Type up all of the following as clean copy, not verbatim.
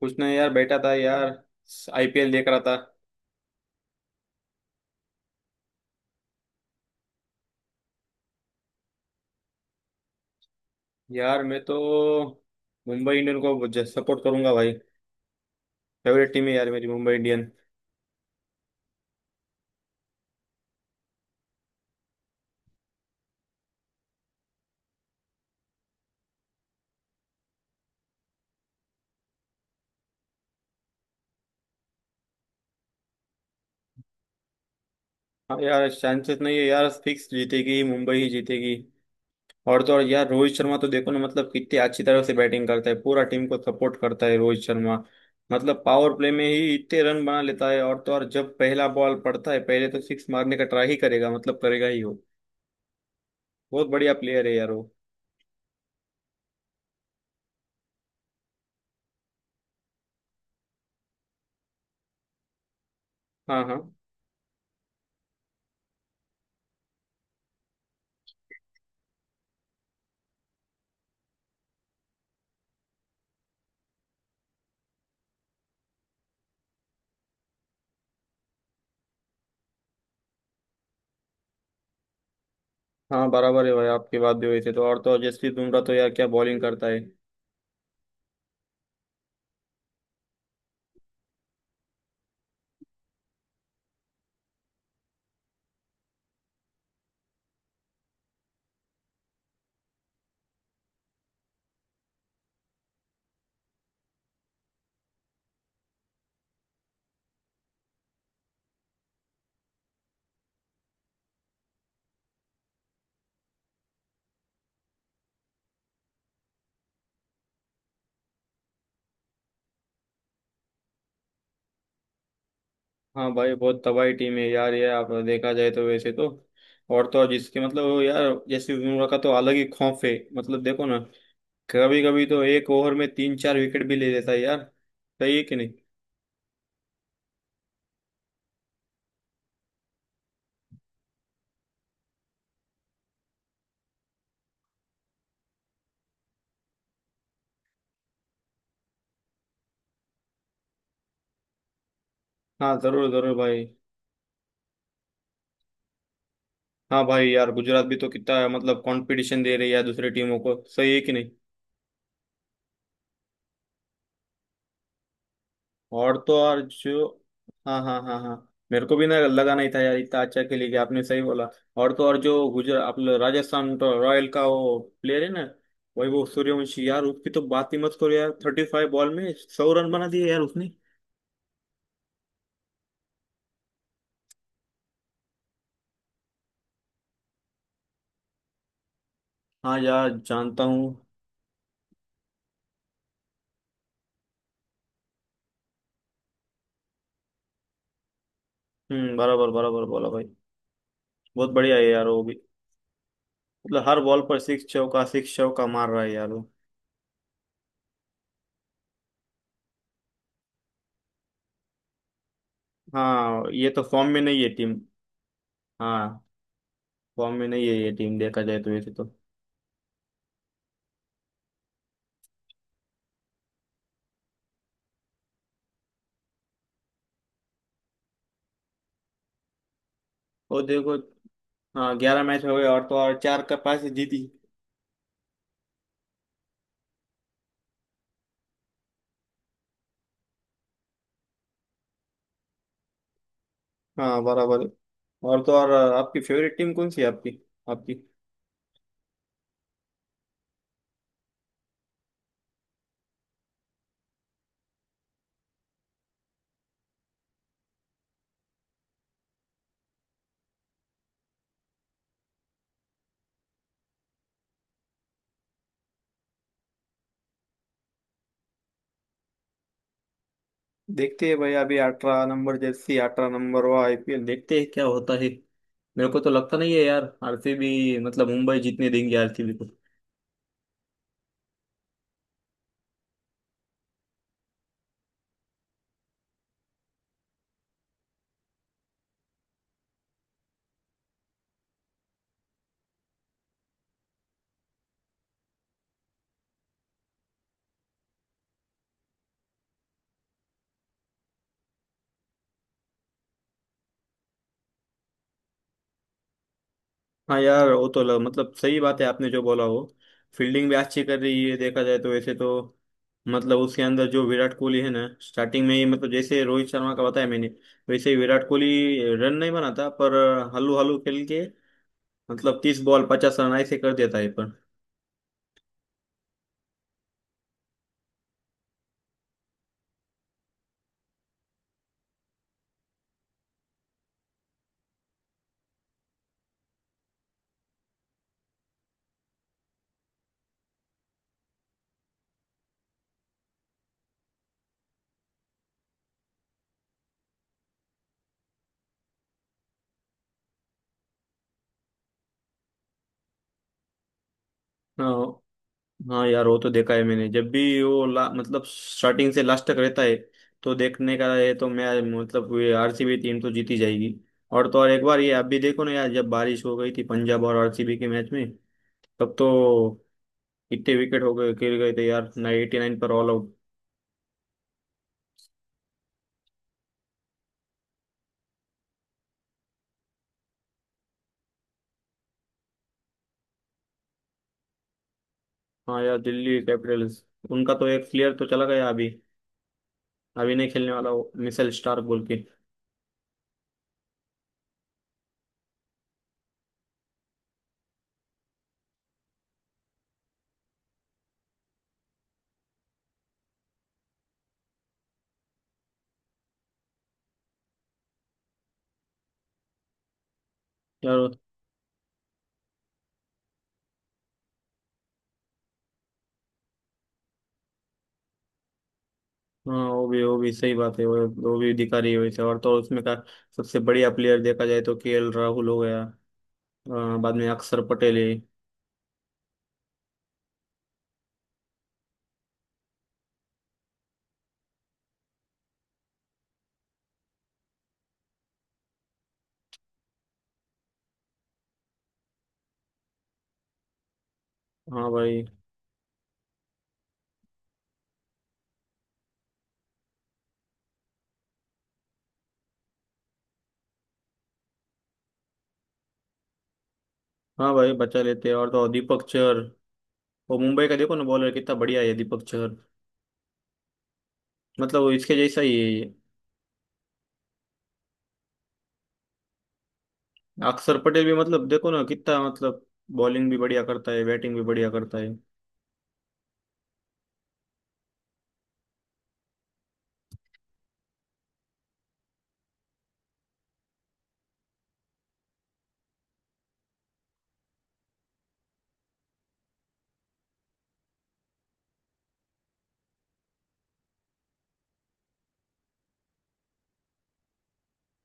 कुछ नहीं यार, बैठा था यार। आईपीएल देख रहा था। यार मैं तो मुंबई इंडियन को सपोर्ट करूंगा भाई। फेवरेट टीम है यार मेरी मुंबई इंडियन। हाँ यार, चांसेस नहीं है यार, फिक्स जीतेगी, मुंबई ही जीतेगी। और तो और यार, रोहित शर्मा तो देखो ना, मतलब कितनी अच्छी तरह से बैटिंग करता है, पूरा टीम को सपोर्ट करता है रोहित शर्मा। मतलब पावर प्ले में ही इतने रन बना लेता है। और तो और जब पहला बॉल पड़ता है, पहले तो सिक्स मारने का ट्राई ही करेगा, मतलब करेगा ही वो। बहुत बढ़िया प्लेयर है यार वो। हाँ हाँ। हाँ बराबर है भाई, आपकी बात भी हुई थी तो। और तो जसप्रीत बुमराह तो यार क्या बॉलिंग करता है। हाँ भाई, बहुत तबाही टीम है यार ये, आप देखा जाए तो वैसे तो। और तो और जिसके मतलब वो, यार जसप्रीत बुमराह का तो अलग ही खौफ है। मतलब देखो ना, कभी कभी तो एक ओवर में तीन चार विकेट भी ले लेता है यार। सही है कि नहीं। हाँ जरूर जरूर भाई। हाँ भाई यार, गुजरात भी तो कितना मतलब कंपटीशन दे रही है यार दूसरी टीमों को, सही है कि नहीं। और तो और जो। हाँ हाँ हाँ हाँ। मेरे को भी ना लगा नहीं था यार, इतना अच्छा खेली कि आपने सही बोला। और तो और जो गुजरात आप लोग, राजस्थान तो रॉयल का वो प्लेयर है ना, वैभव सूर्यवंशी यार, उसकी तो बात ही मत करो यार, 35 बॉल में 100 रन बना दिए यार उसने। हाँ यार जानता हूँ। हम्म, बराबर बराबर बोला भाई। बहुत बढ़िया है यार वो भी। मतलब हर बॉल पर सिक्स चौका मार रहा है यार वो। हाँ ये तो फॉर्म में नहीं है टीम। हाँ। फॉर्म में नहीं है ये टीम, देखा जाए तो वैसे तो। और देखो। हाँ, 11 मैच हो गए और तो और चार का पास जीती। हाँ बराबर है। और तो और आपकी फेवरेट टीम कौन सी है आपकी? आपकी? देखते हैं भाई, अभी 18 नंबर जर्सी, 18 नंबर वो आईपीएल, देखते हैं क्या होता है। मेरे को तो लगता नहीं है यार आरसीबी, मतलब मुंबई जीतने देंगे आरसीबी। हाँ यार वो तो मतलब सही बात है आपने जो बोला वो। फील्डिंग भी अच्छी कर रही है देखा जाए तो वैसे तो। मतलब उसके अंदर जो विराट कोहली है ना, स्टार्टिंग में ही, मतलब जैसे रोहित शर्मा का बताया मैंने, वैसे ही विराट कोहली रन नहीं बनाता पर, हल्लू हल्लू खेल के, मतलब 30 बॉल 50 रन ऐसे कर देता है पर। हाँ। हाँ यार वो तो देखा है मैंने, जब भी वो मतलब स्टार्टिंग से लास्ट तक रहता है, तो देखने का है, तो मैं मतलब ये आरसीबी टीम तो जीती जाएगी। और तो और एक बार ये आप भी देखो ना यार, जब बारिश हो गई थी पंजाब और आरसीबी के मैच में, तब तो इतने विकेट हो गए, गिर गए थे यार, 89 पर ऑल आउट। हाँ यार, दिल्ली कैपिटल्स। उनका तो एक प्लेयर तो चला गया अभी, अभी नहीं खेलने वाला वो, मिशेल स्टार्क बोल के। यार हाँ, वो भी सही बात है वो। वो भी दिखा रही है वैसे। और तो उसमें का सबसे बढ़िया प्लेयर देखा जाए तो केएल राहुल हो गया, बाद में अक्षर पटेल है। हाँ भाई। हाँ भाई, बचा लेते हैं और तो और दीपक चहर वो मुंबई का, देखो ना बॉलर कितना बढ़िया है दीपक चहर, मतलब वो इसके जैसा ही है ये। अक्षर पटेल भी मतलब देखो ना कितना मतलब बॉलिंग भी बढ़िया करता है, बैटिंग भी बढ़िया करता है।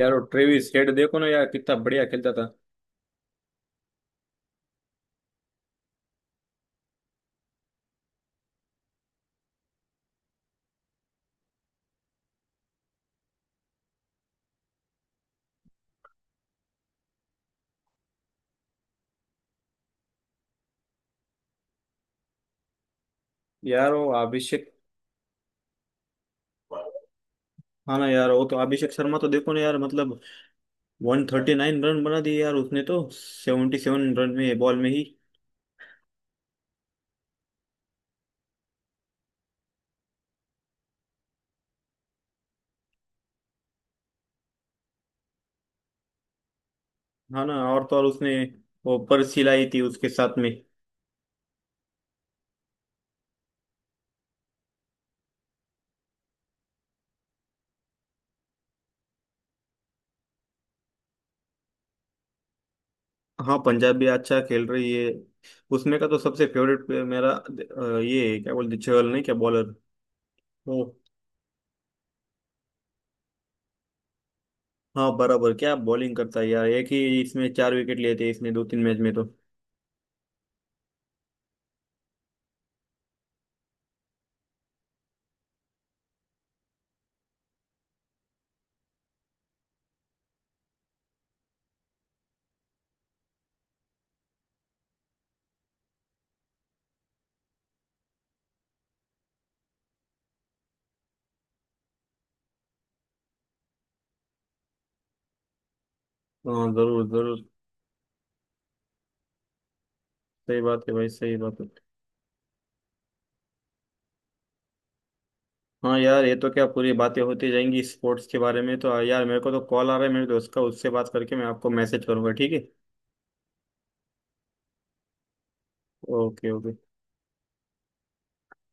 यार वो ट्रेविस हेड देखो ना यार कितना बढ़िया खेलता था। यार वो अभिषेक। हाँ ना यार, वो तो अभिषेक शर्मा तो देखो ना यार, मतलब 139 रन बना दिए यार उसने तो, 77 रन में बॉल में ही। हाँ ना, और तो और उसने वो पर्ची लाई थी उसके साथ में। हाँ पंजाब भी अच्छा खेल रही है। उसमें का तो सबसे फेवरेट प्लेयर मेरा, ये है, क्या बोलते, चहल, नहीं क्या बॉलर वो। हाँ बराबर, क्या बॉलिंग करता है यार, एक ही इसमें चार विकेट लिए थे इसने दो तीन मैच में तो। हाँ जरूर जरूर, सही बात है भाई, सही बात है। हाँ यार, ये तो क्या पूरी बातें होती जाएंगी स्पोर्ट्स के बारे में, तो यार मेरे को तो कॉल आ रहा है मेरे दोस्त का, उससे बात करके मैं आपको मैसेज करूंगा, ठीक है? Okay okay.